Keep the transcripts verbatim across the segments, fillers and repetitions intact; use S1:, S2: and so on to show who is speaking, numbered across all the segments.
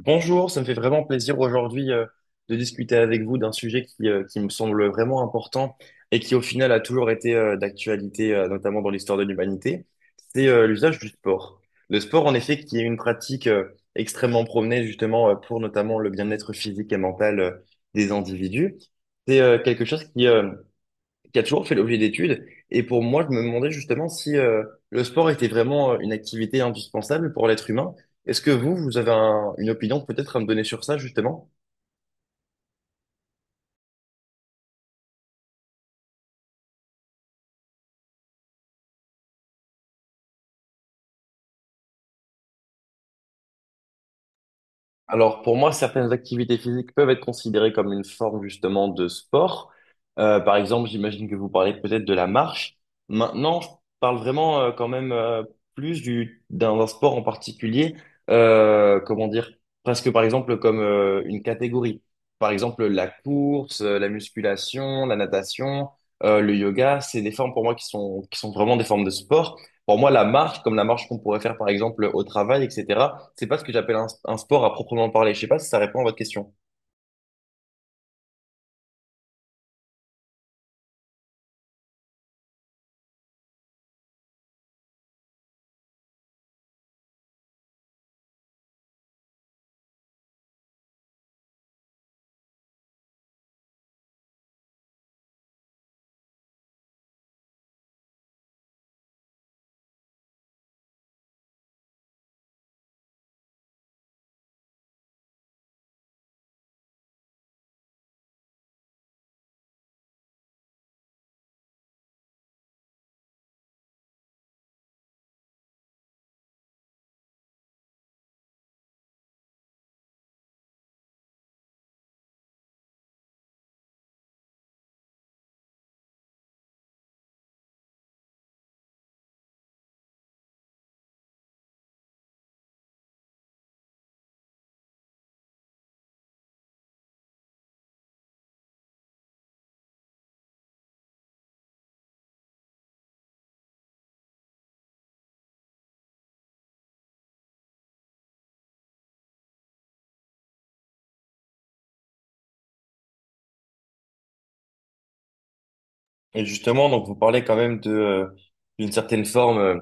S1: Bonjour, ça me fait vraiment plaisir aujourd'hui euh, de discuter avec vous d'un sujet qui, euh, qui me semble vraiment important et qui au final a toujours été euh, d'actualité, euh, notamment dans l'histoire de l'humanité, c'est euh, l'usage du sport. Le sport, en effet, qui est une pratique euh, extrêmement promenée justement euh, pour notamment le bien-être physique et mental euh, des individus, c'est euh, quelque chose qui, euh, qui a toujours fait l'objet d'études. Et pour moi, je me demandais justement si euh, le sport était vraiment euh, une activité indispensable pour l'être humain. Est-ce que vous, vous avez un- une opinion peut-être à me donner sur ça, justement? Alors, pour moi, certaines activités physiques peuvent être considérées comme une forme justement de sport. Euh, par exemple, j'imagine que vous parlez peut-être de la marche. Maintenant, je parle vraiment euh, quand même euh, plus du d'un d'un sport en particulier. Euh, comment dire? Presque par exemple comme euh, une catégorie. Par exemple, la course, euh, la musculation, la natation, euh, le yoga, c'est des formes pour moi qui sont qui sont vraiment des formes de sport. Pour moi, la marche, comme la marche qu'on pourrait faire par exemple au travail, et cetera, c'est pas ce que j'appelle un, un sport à proprement parler. Je sais pas si ça répond à votre question. Et justement, donc vous parlez quand même de euh, d'une certaine forme euh,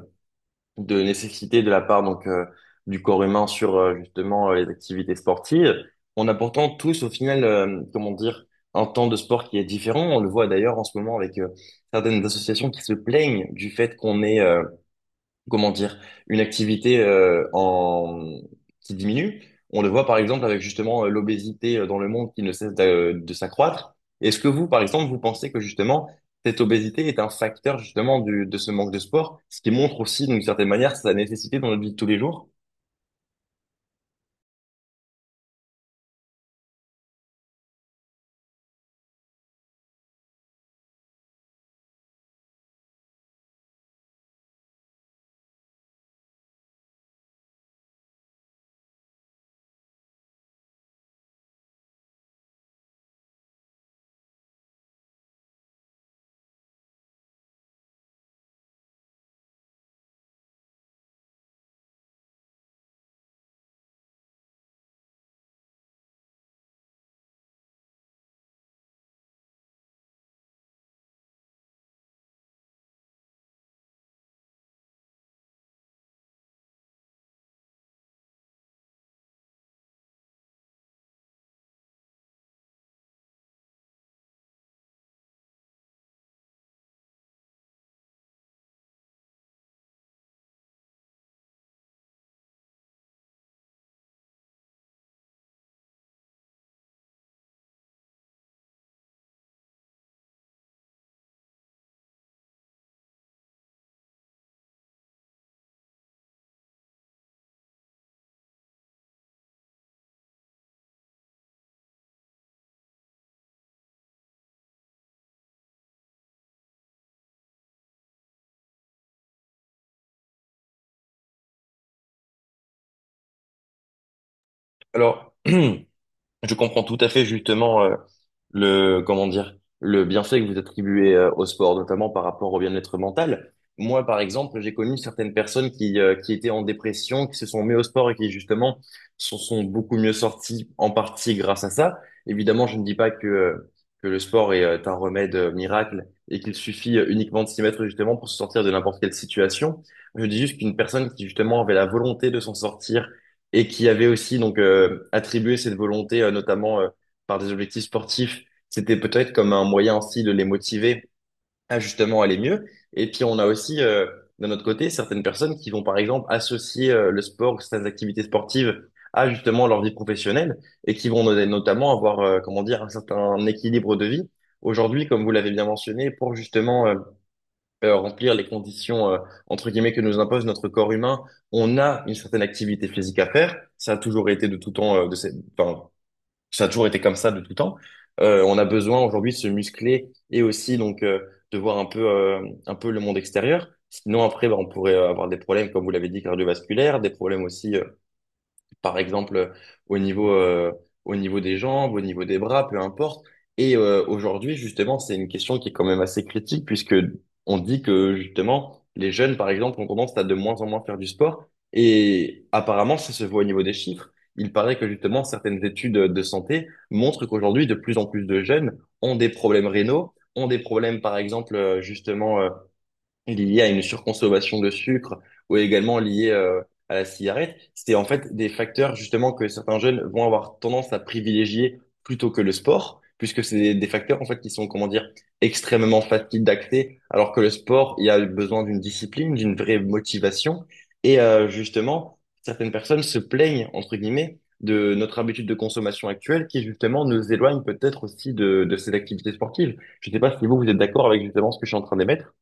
S1: de nécessité de la part donc euh, du corps humain sur euh, justement euh, les activités sportives. On a pourtant tous au final, euh, comment dire, un temps de sport qui est différent. On le voit d'ailleurs en ce moment avec euh, certaines associations qui se plaignent du fait qu'on est comment dire, une activité euh, en... qui diminue. On le voit par exemple avec justement euh, l'obésité euh, dans le monde qui ne cesse d'a- de s'accroître. Est-ce que vous, par exemple, vous pensez que justement cette obésité est un facteur justement du, de ce manque de sport, ce qui montre aussi d'une certaine manière sa nécessité dans notre vie de tous les jours? Alors, je comprends tout à fait justement euh, le comment dire le bienfait que vous attribuez euh, au sport, notamment par rapport au bien-être mental. Moi, par exemple, j'ai connu certaines personnes qui euh, qui étaient en dépression, qui se sont mis au sport et qui justement s'en sont beaucoup mieux sortis en partie grâce à ça. Évidemment, je ne dis pas que euh, que le sport est euh, un remède euh, miracle et qu'il suffit euh, uniquement de s'y mettre justement pour se sortir de n'importe quelle situation. Je dis juste qu'une personne qui justement avait la volonté de s'en sortir et qui avait aussi donc euh, attribué cette volonté euh, notamment euh, par des objectifs sportifs, c'était peut-être comme un moyen aussi de les motiver à justement aller mieux. Et puis on a aussi, euh, d'un autre côté, certaines personnes qui vont par exemple associer euh, le sport, certaines activités sportives à justement leur vie professionnelle et qui vont no- notamment avoir, euh, comment dire, un certain équilibre de vie. Aujourd'hui, comme vous l'avez bien mentionné, pour justement euh, euh, remplir les conditions euh, entre guillemets que nous impose notre corps humain, on a une certaine activité physique à faire. Ça a toujours été de tout temps, euh, de cette, enfin, ça a toujours été comme ça de tout temps. Euh, on a besoin aujourd'hui de se muscler et aussi donc euh, de voir un peu euh, un peu le monde extérieur. Sinon après, bah, on pourrait avoir des problèmes, comme vous l'avez dit, cardiovasculaires, des problèmes aussi euh, par exemple euh, au niveau euh, au niveau des jambes, au niveau des bras, peu importe. Et euh, aujourd'hui, justement, c'est une question qui est quand même assez critique puisque on dit que justement les jeunes, par exemple, ont tendance à de moins en moins faire du sport et apparemment ça se voit au niveau des chiffres. Il paraît que justement certaines études de santé montrent qu'aujourd'hui de plus en plus de jeunes ont des problèmes rénaux, ont des problèmes, par exemple, euh, justement euh, liées à une surconsommation de sucre ou également liées euh, à la cigarette. C'est en fait des facteurs justement que certains jeunes vont avoir tendance à privilégier plutôt que le sport, puisque c'est des, des facteurs en fait qui sont, comment dire, extrêmement faciles d'accès, alors que le sport, il y a besoin d'une discipline, d'une vraie motivation. Et euh, justement, certaines personnes se plaignent, entre guillemets, de notre habitude de consommation actuelle qui justement nous éloigne peut-être aussi de, de ces activités sportives. Je ne sais pas si vous, vous êtes d'accord avec justement ce que je suis en train d'émettre.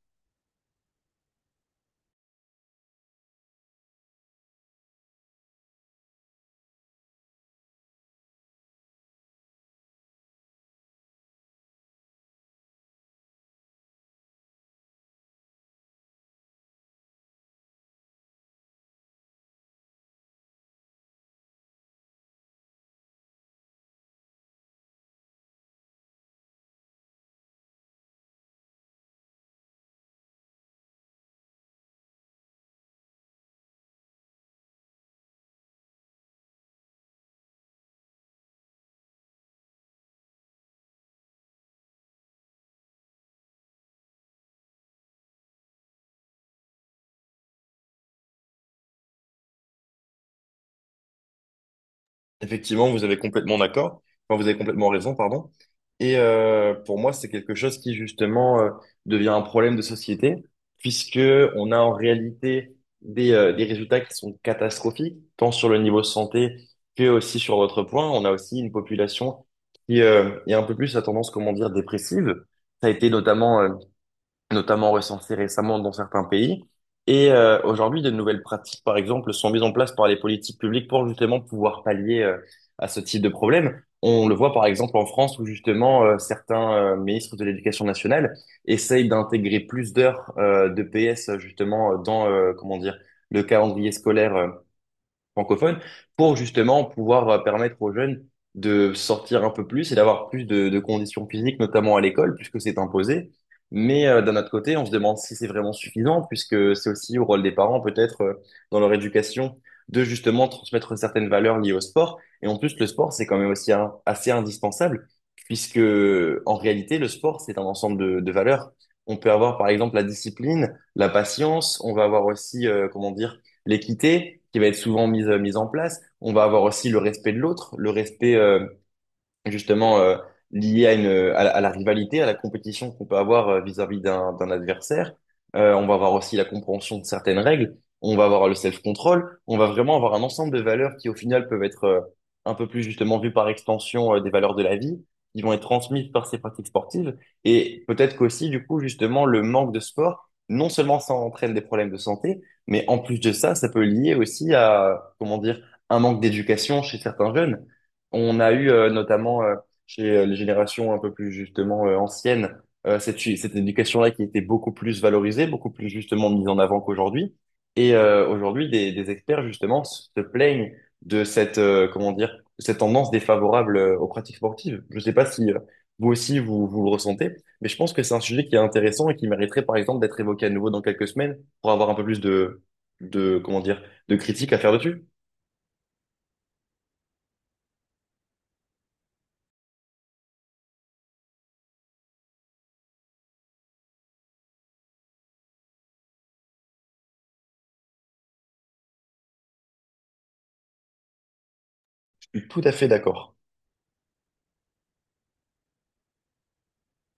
S1: Effectivement, vous avez complètement d'accord. Enfin, vous avez complètement raison, pardon. Et euh, pour moi, c'est quelque chose qui justement euh, devient un problème de société, puisque on a en réalité des, euh, des résultats qui sont catastrophiques, tant sur le niveau santé que aussi sur votre point. On a aussi une population qui euh, est un peu plus à tendance, comment dire, dépressive. Ça a été notamment euh, notamment recensées récemment dans certains pays. Et euh, aujourd'hui, de nouvelles pratiques, par exemple, sont mises en place par les politiques publiques pour justement pouvoir pallier euh, à ce type de problème. On le voit par exemple en France où justement euh, certains euh, ministres de l'Éducation nationale essayent d'intégrer plus d'heures euh, de P S justement dans euh, comment dire le calendrier scolaire euh, francophone pour justement pouvoir euh, permettre aux jeunes de sortir un peu plus et d'avoir plus de, de conditions physiques, notamment à l'école, puisque c'est imposé. Mais euh, d'un autre côté, on se demande si c'est vraiment suffisant, puisque c'est aussi au rôle des parents, peut-être, euh, dans leur éducation, de justement transmettre certaines valeurs liées au sport. Et en plus, le sport, c'est quand même aussi un- assez indispensable, puisque en réalité, le sport, c'est un ensemble de, de valeurs. On peut avoir, par exemple, la discipline, la patience, on va avoir aussi, euh, comment dire, l'équité qui va être souvent mise, euh, mise en place. On va avoir aussi le respect de l'autre, le respect euh, justement euh, lié à une à, la à la rivalité, à la compétition qu'on peut avoir euh, vis-à-vis d'un d'un adversaire. Euh, on va avoir aussi la compréhension de certaines règles, on va avoir le self-control, on va vraiment avoir un ensemble de valeurs qui au final peuvent être euh, un peu plus justement vues par extension euh, des valeurs de la vie, qui vont être transmises par ces pratiques sportives et peut-être qu'aussi du coup justement le manque de sport. Non seulement ça entraîne des problèmes de santé, mais en plus de ça, ça peut lier aussi à, comment dire, un manque d'éducation chez certains jeunes. On a eu euh, notamment euh, chez euh, les générations un peu plus justement euh, anciennes euh, cette, cette éducation-là qui était beaucoup plus valorisée, beaucoup plus justement mise en avant qu'aujourd'hui. Et euh, aujourd'hui, des, des experts justement se plaignent de cette euh, comment dire de cette tendance défavorable euh, aux pratiques sportives. Je ne sais pas si euh, vous aussi vous, vous le ressentez, mais je pense que c'est un sujet qui est intéressant et qui mériterait par exemple d'être évoqué à nouveau dans quelques semaines pour avoir un peu plus de de comment dire de critiques à faire dessus. Je suis tout à fait d'accord.